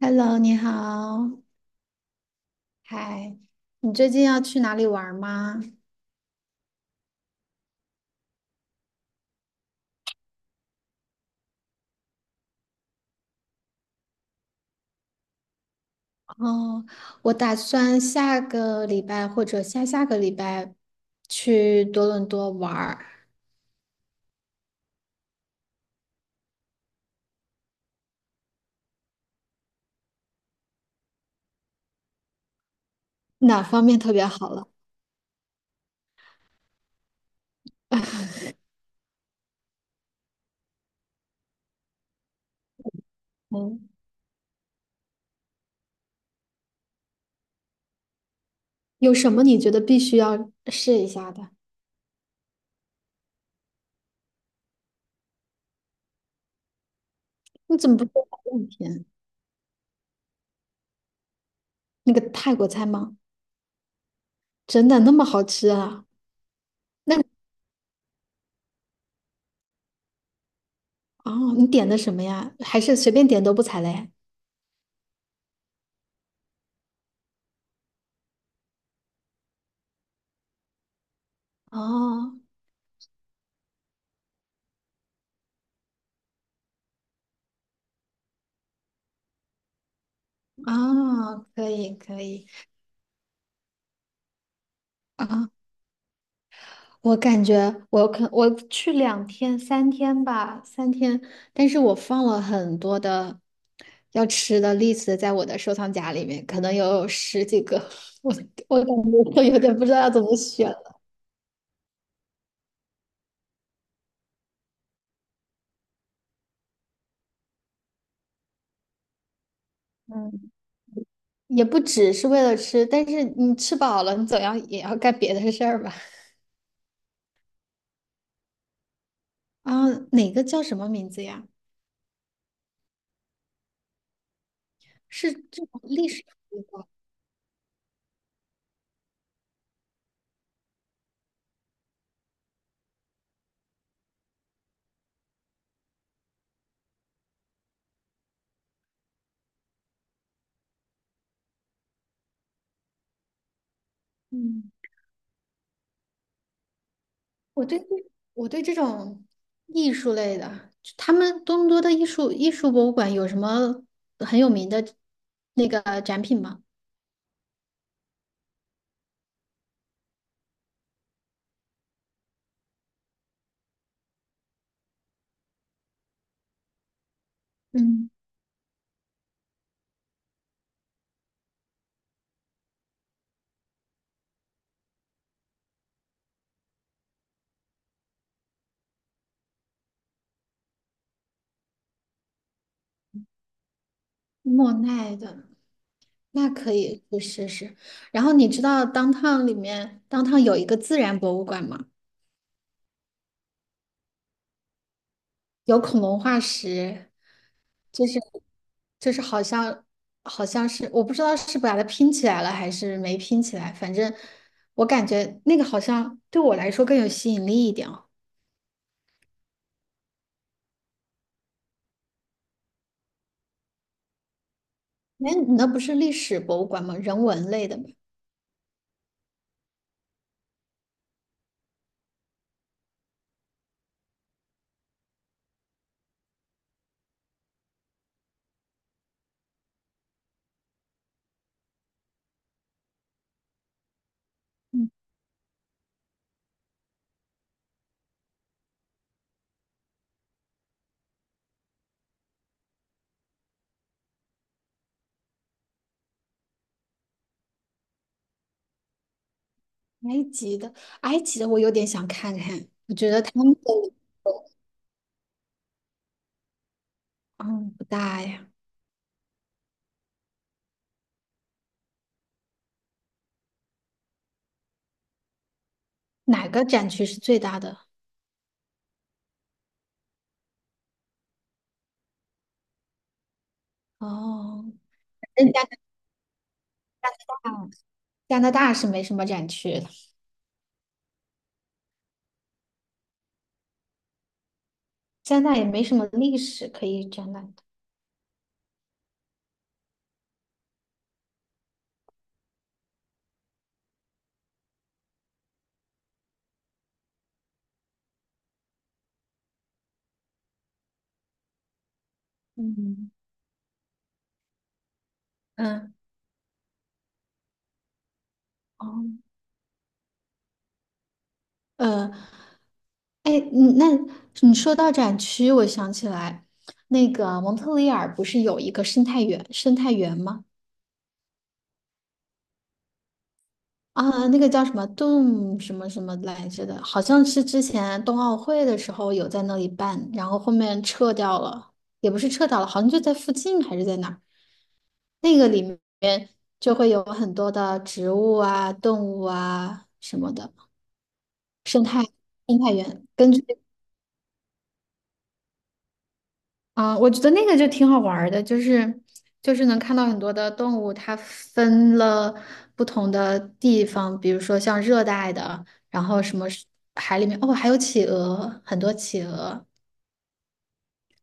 Hello，你好，嗨，你最近要去哪里玩吗？哦，我打算下个礼拜或者下下个礼拜去多伦多玩儿。哪方面特别好了？嗯，有什么你觉得必须要试一下的？你怎么不说法棍片？那个泰国菜吗？真的那么好吃啊？那哦，你点的什么呀？还是随便点都不踩雷？哦，啊，可以可以。啊。我感觉我去两天三天吧，三天，但是我放了很多的要吃的 l 子在我的收藏夹里面，可能有十几个，我我感觉我有点不知道要怎么选了。嗯，也不只是为了吃，但是你吃饱了，你总要也要干别的事儿吧？啊，哪个叫什么名字呀？是这种历史的吧？嗯我对这我对这种艺术类的，就他们多伦多的艺术博物馆有什么很有名的那个展品吗？嗯，莫奈的，那可以去试试。然后你知道 downtown 里面 downtown 有一个自然博物馆吗？有恐龙化石，就是就是好像好像是我不知道是把它拼起来了还是没拼起来，反正我感觉那个好像对我来说更有吸引力一点哦。哎，你那不是历史博物馆吗？人文类的吗？埃及的，埃及的我有点想看看。他们的，嗯，不大呀。哪个展区是最大的？哦，嗯加拿大，加拿大是没什么展区的，加拿大也没什么历史可以展览的。嗯嗯，哦，呃，哎，你说到展区，我想起来，那个蒙特利尔不是有一个生态园吗？啊，那个叫什么动什么什么来着的，好像是之前冬奥会的时候有在那里办，然后后面撤掉了，也不是撤掉了，好像就在附近还是在哪儿，那个里面就会有很多的植物啊、动物啊什么的生态生态园，根据啊，我觉得那个就挺好玩儿的，能看到很多的动物，它分了不同的地方，比如说像热带的。然后什么哦，还有企鹅，很多企鹅，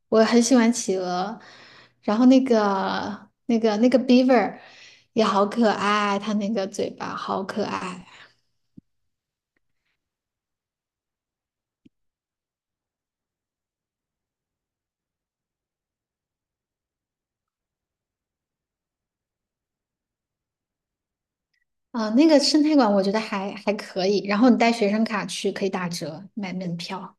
我很喜欢企鹅。然后那个、那个、那个 beaver 也好可爱，它那个嘴巴好可爱啊、那个生态馆我觉得还可以。然后你带学生卡去可以打折买门票，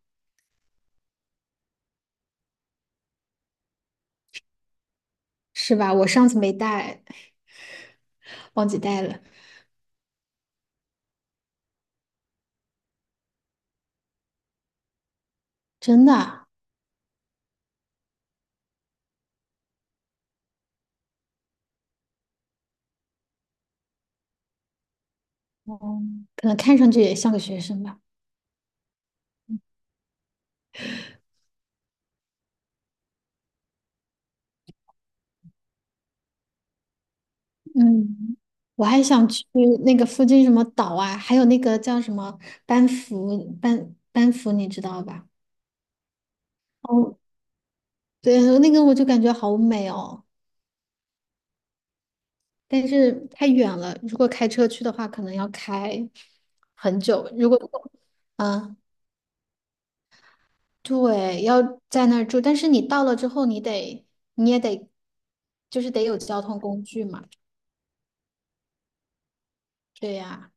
是吧？我上次没带，忘记带了，真的。哦，可能看上去也像个学生吧。嗯，我还想去那个附近什么岛啊，还有那个叫什么班夫，班班夫，你知道吧？哦，对，那个我就感觉好美哦，但是太远了，如果开车去的话，可能要开很久。如果，嗯，对，要在那儿住，但是你到了之后，你得，你也得，就是得有交通工具嘛。对呀、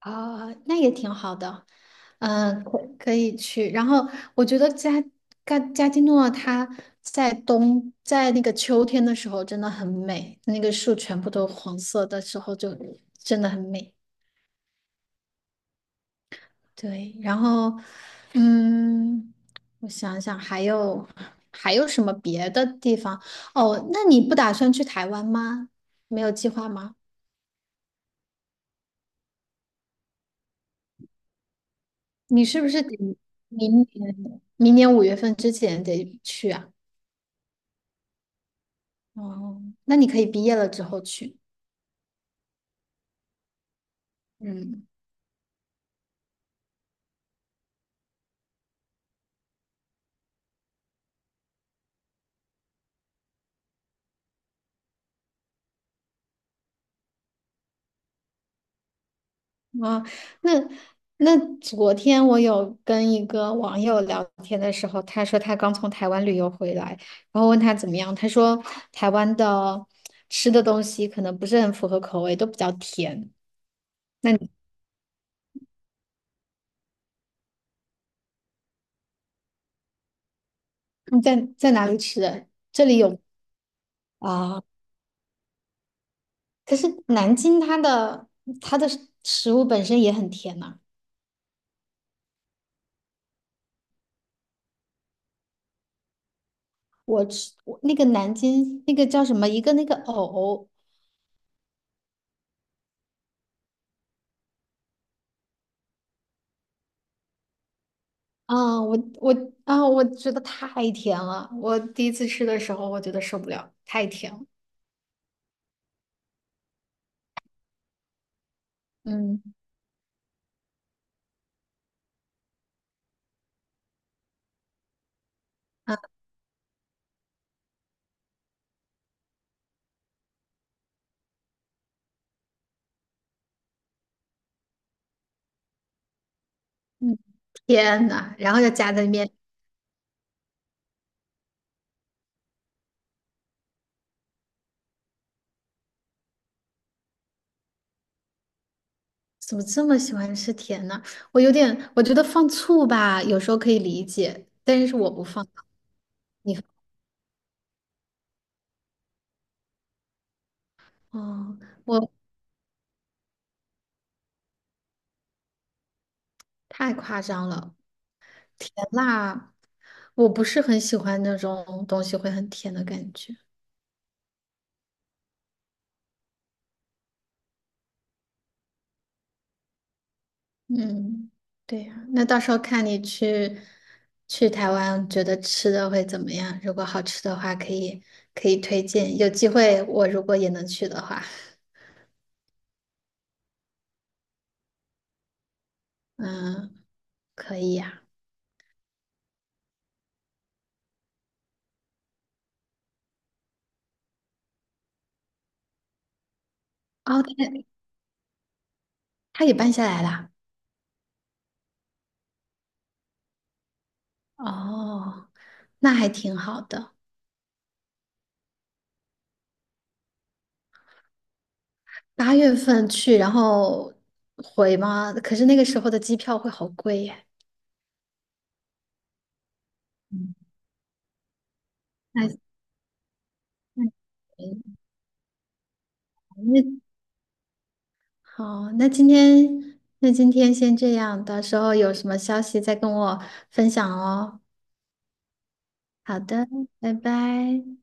啊、那也挺好的，嗯，可以去。然后我觉得加基诺它在那个秋天的时候真的很美，那个树全部都黄色的时候就真的很美。对，然后嗯，我想想还有什么别的地方？哦，那你不打算去台湾吗？没有计划吗？你是不是得明年五月份之前得去啊？哦，那你可以毕业了之后去。嗯啊，那那昨天我有跟一个网友聊天的时候，他说他刚从台湾旅游回来，然后问他怎么样，他说台湾的吃的东西可能不是很符合口味，都比较甜。那你在哪里吃的？这里有啊，可是南京它的它的食物本身也很甜呐、我吃我那个南京那个叫什么一个那个藕。啊，我啊，我觉得太甜了。我第一次吃的时候，我觉得受不了，太甜了。嗯啊，嗯，天呐，然后又夹在面，怎么这么喜欢吃甜呢？我有点，我觉得放醋吧，有时候可以理解，但是我不放。你，哦，我太夸张了，甜辣，我不是很喜欢那种东西会很甜的感觉。嗯，对呀，那到时候看去台湾，觉得吃的会怎么样？如果好吃的话，可以推荐。有机会，我如果也能去的话，嗯，可以呀。哦，他也办下来啦。哦，那还挺好的。八月份去，然后回吗？可是那个时候的机票会好贵耶。嗯，那那嗯那好，那今天先这样，到时候有什么消息再跟我分享哦。好的，拜拜。